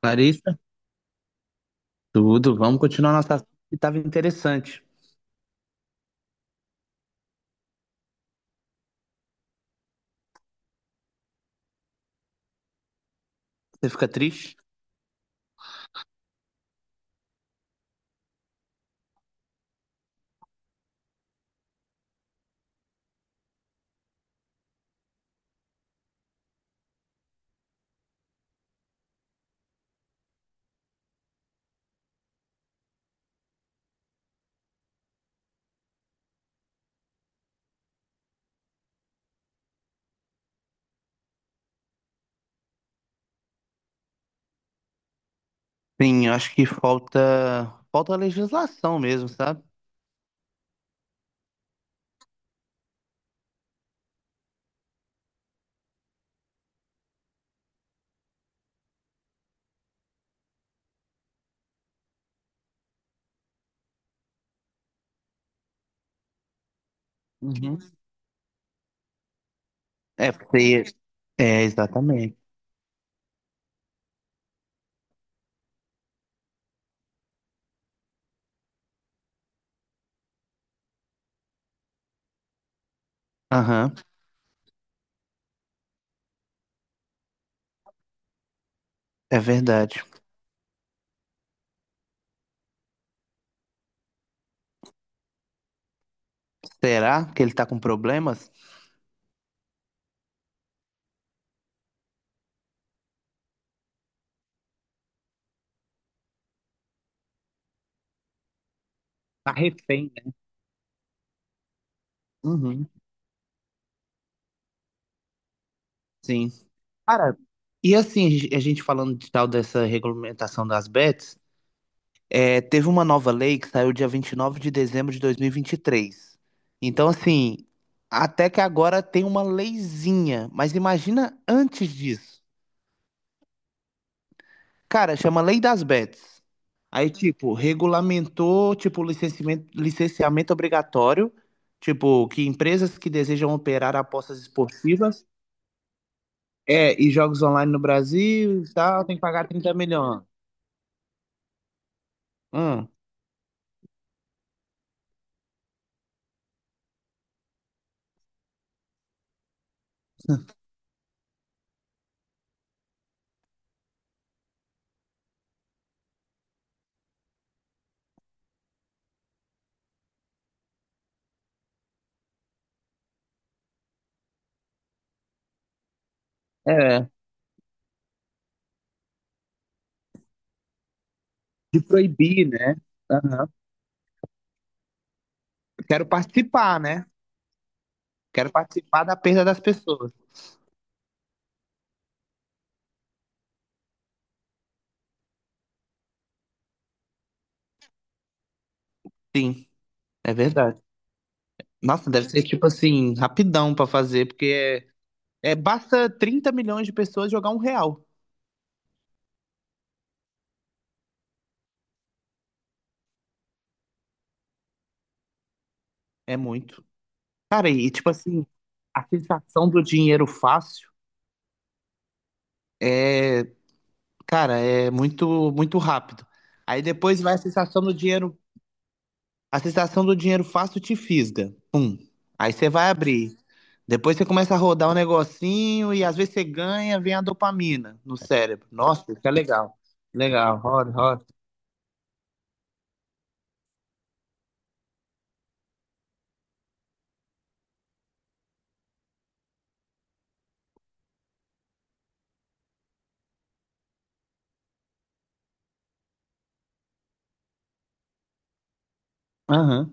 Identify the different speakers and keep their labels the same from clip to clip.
Speaker 1: Clarissa, tudo. Vamos continuar nossa assunto que estava interessante. Você fica triste? Sim, eu acho que falta legislação mesmo, sabe? Uhum. É, é exatamente. Aham, é verdade. Será que ele tá com problemas? Tá refém, né? Uhum, sim. Cara, e assim, a gente falando de tal dessa regulamentação das bets. É, teve uma nova lei que saiu dia 29 de dezembro de dois mil e vinte e três. Então, assim, até que agora tem uma leizinha, mas imagina antes disso. Cara, chama Lei das Bets. Aí, tipo, regulamentou, tipo, licenciamento obrigatório, tipo, que empresas que desejam operar apostas esportivas é, e jogos online no Brasil e tal, tem que pagar 30 milhões. Hum, é, de proibir, né? Aham. Quero participar, né? Quero participar da perda das pessoas. Sim, é verdade. Nossa, deve ser tipo assim, rapidão pra fazer, porque é, basta 30 milhões de pessoas jogar um real. É muito. Cara, e tipo assim, a sensação do dinheiro fácil é, cara, é muito muito rápido. Aí depois vai a sensação do dinheiro, a sensação do dinheiro fácil te fisga. Aí você vai abrir. Depois você começa a rodar um negocinho e às vezes você ganha, vem a dopamina no cérebro. Nossa, isso é legal. Legal, roda, roda. Aham.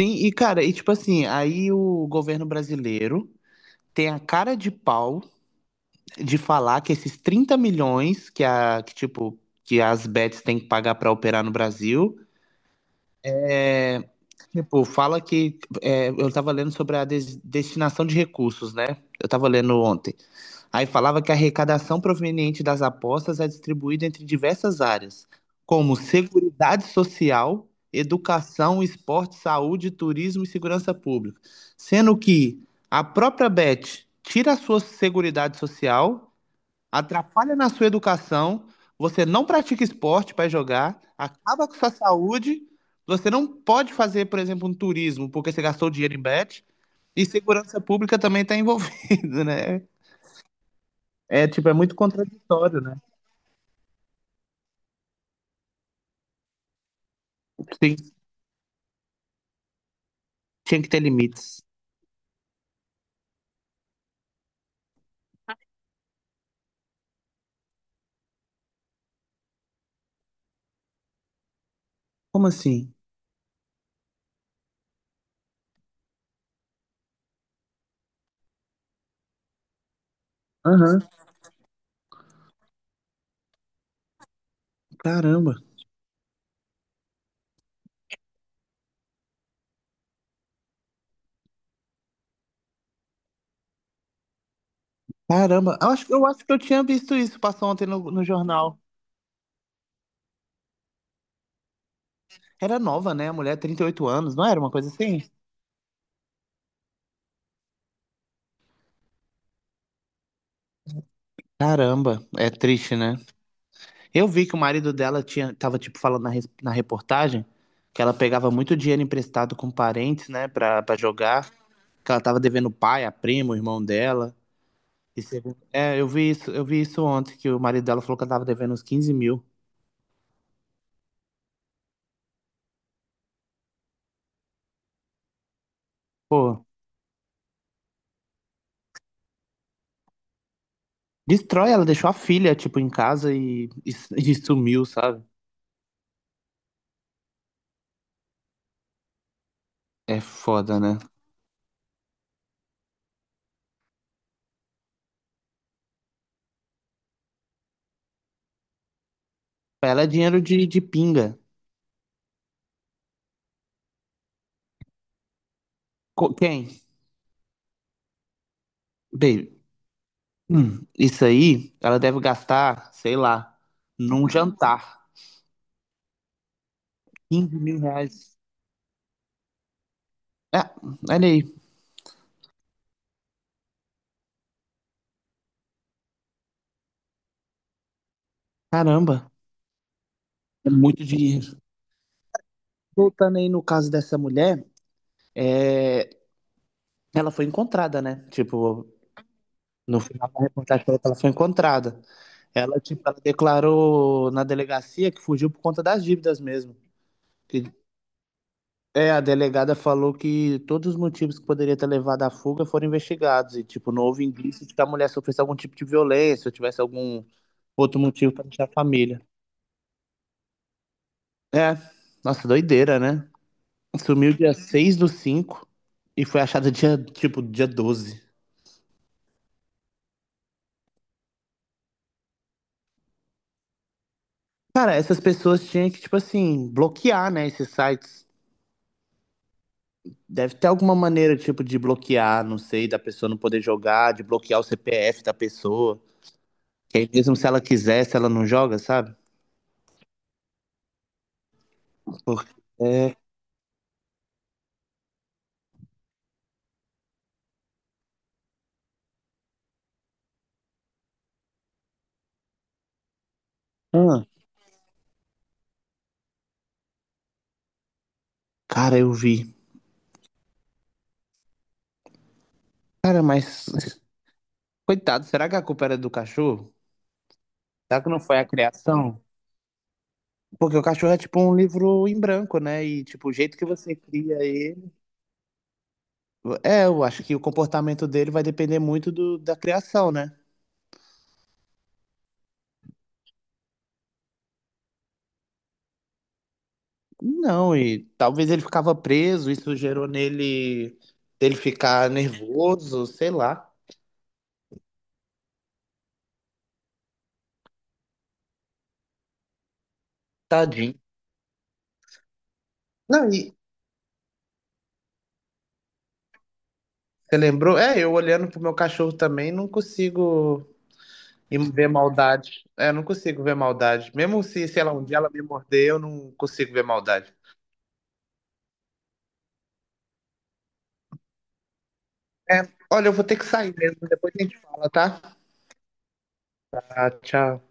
Speaker 1: Sim, e cara, e tipo assim, aí o governo brasileiro tem a cara de pau de falar que esses 30 milhões que a que tipo que as bets têm que pagar pra operar no Brasil, é, tipo, fala que é, eu tava lendo sobre a destinação de recursos, né? Eu tava lendo ontem. Aí falava que a arrecadação proveniente das apostas é distribuída entre diversas áreas, como seguridade social, educação, esporte, saúde, turismo e segurança pública, sendo que a própria Bet tira a sua seguridade social, atrapalha na sua educação, você não pratica esporte para jogar, acaba com sua saúde, você não pode fazer, por exemplo, um turismo porque você gastou dinheiro em Bet. E segurança pública também está envolvida, né? É, tipo, é muito contraditório, né? Tem, tinha que ter limites. Como assim? Aham, caramba. Caramba, eu acho que eu tinha visto isso, passou ontem no jornal. Era nova, né? A mulher, 38 anos, não era uma coisa assim? Caramba, é triste, né? Eu vi que o marido dela tinha, tava, tipo, falando na, na reportagem que ela pegava muito dinheiro emprestado com parentes, né, pra jogar, que ela tava devendo o pai, a prima, o irmão dela. E segundo... É, eu vi isso ontem, que o marido dela falou que ela tava devendo uns 15 mil. Pô. Destrói, ela deixou a filha, tipo, em casa e sumiu, sabe? É foda, né? Pra ela é dinheiro de pinga. Quem? Baby, isso aí ela deve gastar, sei lá, num jantar. 15 mil reais. É, olha aí. Caramba, é muito dinheiro. Voltando aí no caso dessa mulher, é, ela foi encontrada, né? Tipo, no final da reportagem falou que ela foi encontrada. Ela, tipo, ela declarou na delegacia que fugiu por conta das dívidas mesmo. Que. É, a delegada falou que todos os motivos que poderia ter levado à fuga foram investigados e, tipo, não houve indício de que a mulher sofresse algum tipo de violência ou tivesse algum outro motivo para deixar a família. É, nossa, doideira, né? Sumiu dia 6/5 e foi achada dia, tipo, dia 12. Cara, essas pessoas tinham que, tipo assim, bloquear, né, esses sites. Deve ter alguma maneira, tipo, de bloquear, não sei, da pessoa não poder jogar, de bloquear o CPF da pessoa. Que aí mesmo se ela quisesse, ela não joga, sabe? Porque, é, ah, cara, eu vi. Cara, mas, coitado, será que a culpa era do cachorro? Será que não foi a criação? Porque o cachorro é tipo um livro em branco, né? E, tipo, o jeito que você cria ele. É, eu acho que o comportamento dele vai depender muito do, da criação, né? Não, e talvez ele ficava preso, isso gerou nele ele ficar nervoso, sei lá. Tadinho. Não, e você lembrou? É, eu olhando pro meu cachorro também, não consigo. E ver maldade. É, eu não consigo ver maldade. Mesmo se, sei lá, um dia ela me morder, eu não consigo ver maldade. É, olha, eu vou ter que sair mesmo. Depois a gente fala, tá? Ah, tchau.